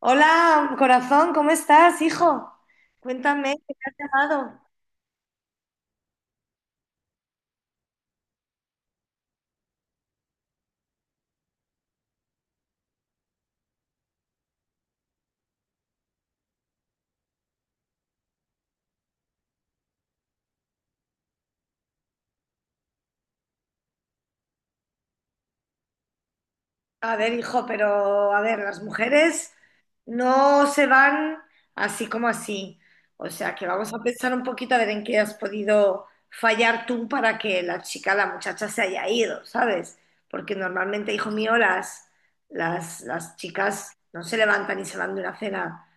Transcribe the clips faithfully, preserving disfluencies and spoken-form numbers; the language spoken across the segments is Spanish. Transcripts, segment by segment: Hola, corazón, ¿cómo estás, hijo? Cuéntame, ¿qué te has llamado? A ver, hijo, pero a ver, las mujeres no se van así como así. O sea, que vamos a pensar un poquito a ver en qué has podido fallar tú para que la chica, la muchacha se haya ido, ¿sabes? Porque normalmente, hijo mío, las, las, las chicas no se levantan y se van de una cena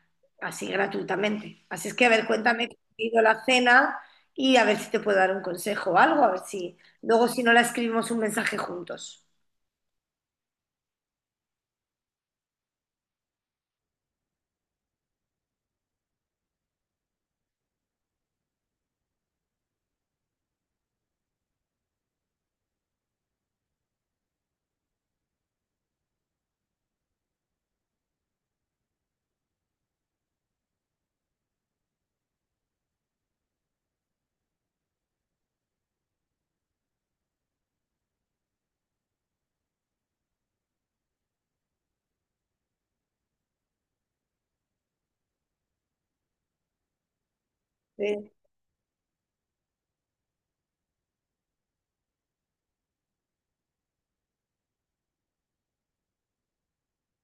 así gratuitamente. Así es que, a ver, cuéntame cómo ha ido la cena y a ver si te puedo dar un consejo o algo, a ver si luego si no la escribimos un mensaje juntos.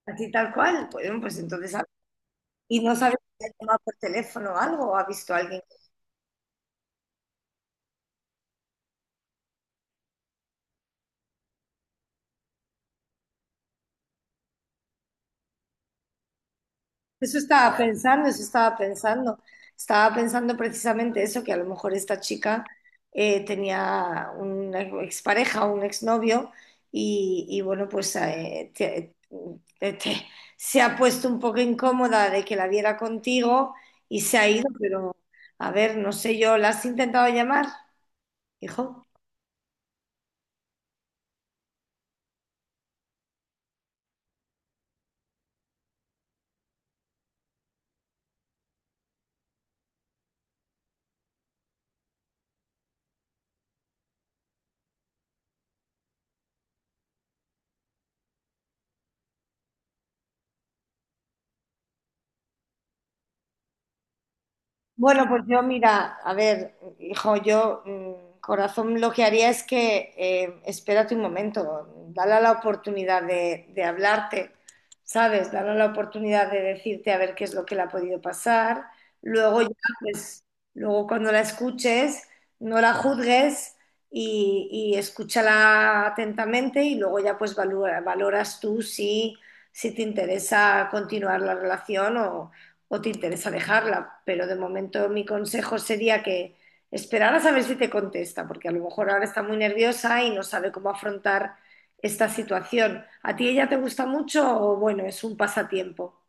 Así tal cual, pues, bueno, pues entonces, a- y no sabe si ha llamado por teléfono o algo, o ha visto a alguien. Eso estaba pensando, eso estaba pensando. Estaba pensando precisamente eso, que a lo mejor esta chica eh, tenía una expareja o un exnovio y, y bueno, pues eh, te- te- te- se ha puesto un poco incómoda de que la viera contigo y se ha ido, pero a ver, no sé yo, ¿la has intentado llamar, hijo? Bueno, pues yo mira, a ver, hijo, yo mm, corazón, lo que haría es que eh, espérate un momento, dale la oportunidad de, de hablarte, ¿sabes? Dale la oportunidad de decirte a ver qué es lo que le ha podido pasar. Luego ya, pues, luego cuando la escuches, no la juzgues y, y escúchala atentamente y luego ya pues valora- valoras tú si, si te interesa continuar la relación o o te interesa dejarla, pero de momento mi consejo sería que esperaras a ver si te contesta, porque a lo mejor ahora está muy nerviosa y no sabe cómo afrontar esta situación. ¿A ti ella te gusta mucho o bueno, es un pasatiempo?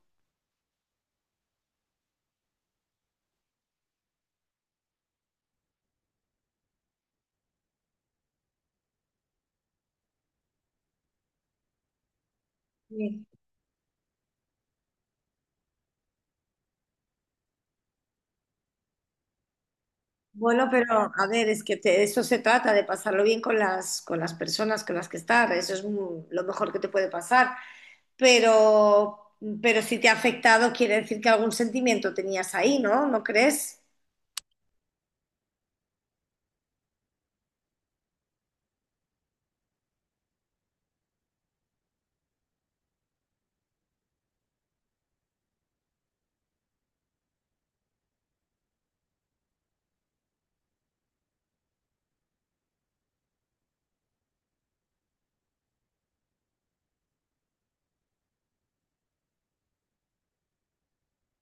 Sí. Bueno, pero a ver, es que te- de eso se trata, de pasarlo bien con las, con las personas con las que estás, eso es mu- lo mejor que te puede pasar, pero, pero si te ha afectado quiere decir que algún sentimiento tenías ahí, ¿no? ¿No crees?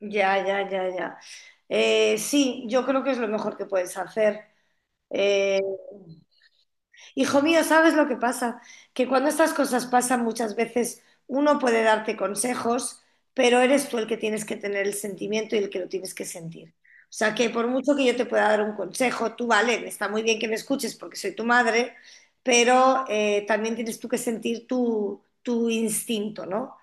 Ya, ya, ya, ya. Eh, sí, yo creo que es lo mejor que puedes hacer. Eh, Hijo mío, ¿sabes lo que pasa? Que cuando estas cosas pasan muchas veces uno puede darte consejos, pero eres tú el que tienes que tener el sentimiento y el que lo tienes que sentir. O sea que por mucho que yo te pueda dar un consejo, tú vale, está muy bien que me escuches porque soy tu madre, pero eh, también tienes tú que sentir tu, tu instinto, ¿no?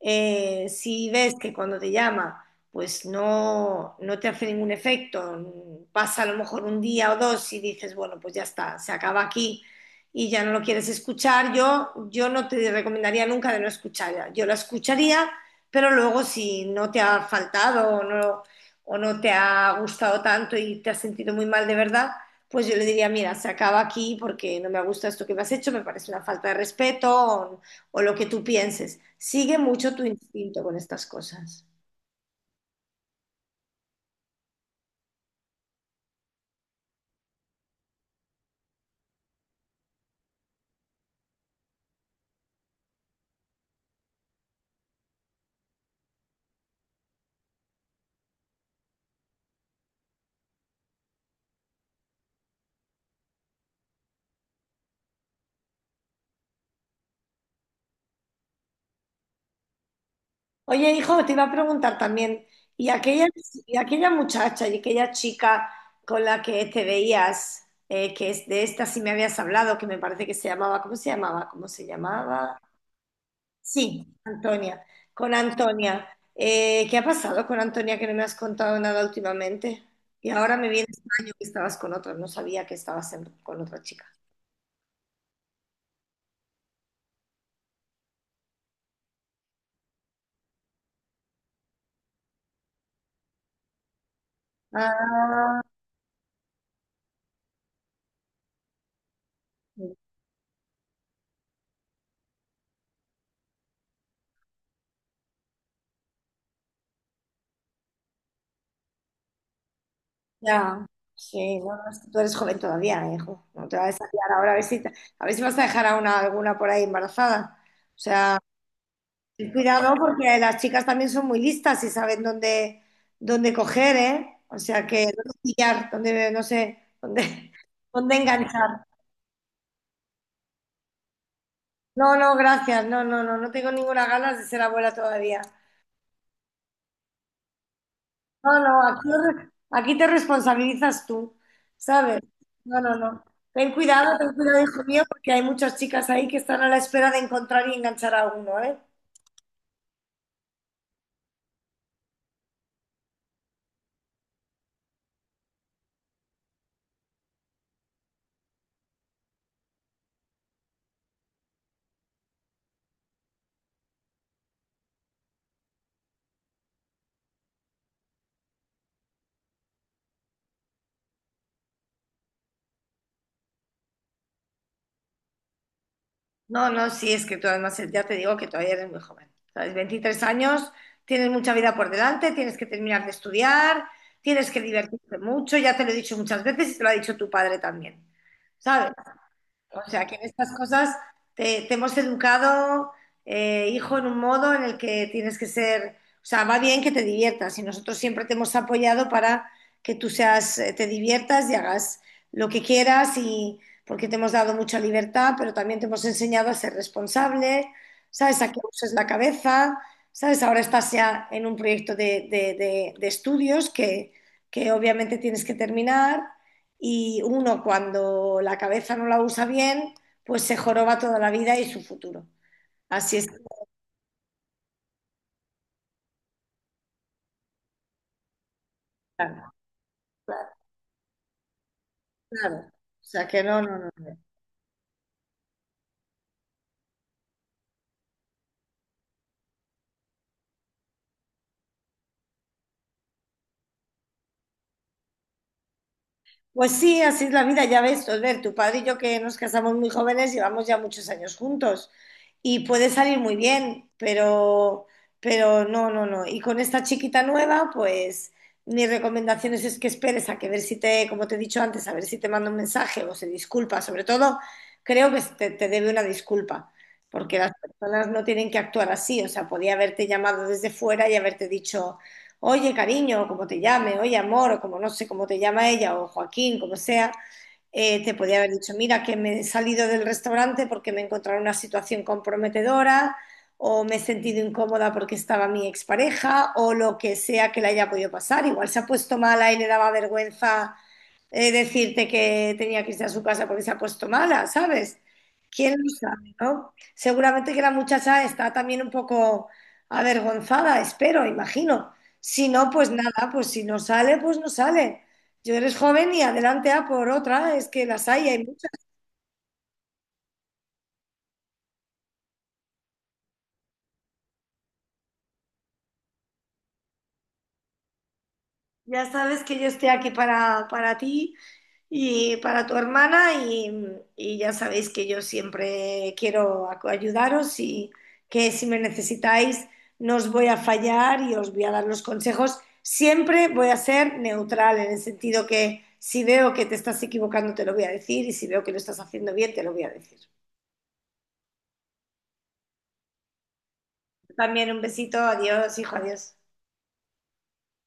Eh, si ves que cuando te llama, pues no, no te hace ningún efecto, pasa a lo mejor un día o dos y dices, bueno, pues ya está, se acaba aquí y ya no lo quieres escuchar, yo, yo no te recomendaría nunca de no escucharla. Yo la escucharía, pero luego si no te ha faltado o no, o no te ha gustado tanto y te has sentido muy mal de verdad, pues yo le diría, mira, se acaba aquí porque no me gusta esto que me has hecho, me parece una falta de respeto o, o lo que tú pienses. Sigue mucho tu instinto con estas cosas. Oye, hijo, te iba a preguntar también, ¿y aquella, y aquella muchacha y aquella chica con la que te veías, eh, que es de esta sí me habías hablado, que me parece que se llamaba, ¿cómo se llamaba? ¿Cómo se llamaba? Sí, Antonia, con Antonia. Eh, ¿qué ha pasado con Antonia que no me has contado nada últimamente? Y ahora me viene extraño que estabas con otra, no sabía que estabas en- con otra chica. Ah, ya, sí, no, no, es que tú eres joven todavía, hijo. No te vas a liar ahora a ver si, te- a ver si vas a dejar a una, alguna por ahí embarazada. O sea, ten cuidado porque las chicas también son muy listas y saben dónde, dónde coger, ¿eh? O sea, que dónde pillar, dónde, no sé, dónde, dónde enganchar. No, no, gracias. No, no, no, no tengo ninguna ganas de ser abuela todavía. No, no, aquí, aquí te responsabilizas tú, ¿sabes? No, no, no. Ten cuidado, ten cuidado, hijo mío, porque hay muchas chicas ahí que están a la espera de encontrar y enganchar a uno, ¿eh? No, no, sí, es que tú además ya te digo que todavía eres muy joven. ¿Sabes? Veintitrés años, tienes mucha vida por delante, tienes que terminar de estudiar, tienes que divertirte mucho, ya te lo he dicho muchas veces y te lo ha dicho tu padre también. ¿Sabes? O sea, que en estas cosas te, te hemos educado, eh, hijo, en un modo en el que tienes que ser, o sea, va bien que te diviertas y nosotros siempre te hemos apoyado para que tú seas, eh, te diviertas y hagas lo que quieras y porque te hemos dado mucha libertad, pero también te hemos enseñado a ser responsable, ¿sabes? A que uses la cabeza, ¿sabes? Ahora estás ya en un proyecto de, de- de- de estudios que, que obviamente tienes que terminar y uno cuando la cabeza no la usa bien, pues se joroba toda la vida y su futuro. Así es. Claro, claro, claro. O sea que no, no, no. Pues sí, así es la vida, ya ves, ver, tu padre y yo que nos casamos muy jóvenes, llevamos ya muchos años juntos y puede salir muy bien, pero, pero no, no, no. Y con esta chiquita nueva, pues mi recomendación es, es que esperes a que ver si te, como te he dicho antes, a ver si te manda un mensaje o se disculpa. Sobre todo, creo que te, te debe una disculpa, porque las personas no tienen que actuar así, o sea, podía haberte llamado desde fuera y haberte dicho oye cariño, o como te llame, oye amor, o como no sé cómo te llama ella, o Joaquín, como sea, eh, te podía haber dicho, mira, que me he salido del restaurante porque me he encontrado en una situación comprometedora o me he sentido incómoda porque estaba mi expareja o lo que sea que le haya podido pasar. Igual se ha puesto mala y le daba vergüenza eh, decirte que tenía que irse a su casa porque se ha puesto mala, ¿sabes? ¿Quién lo sabe, no? Seguramente que la muchacha está también un poco avergonzada, espero, imagino. Si no, pues nada, pues si no sale, pues no sale. Yo eres joven y adelante a por otra, es que las hay, hay muchas. Ya sabes que yo estoy aquí para, para ti y para tu hermana y, y ya sabéis que yo siempre quiero ac- ayudaros y que si me necesitáis no os voy a fallar y os voy a dar los consejos. Siempre voy a ser neutral en el sentido que si veo que te estás equivocando te lo voy a decir y si veo que lo estás haciendo bien te lo voy a decir. También un besito, adiós, hijo, adiós.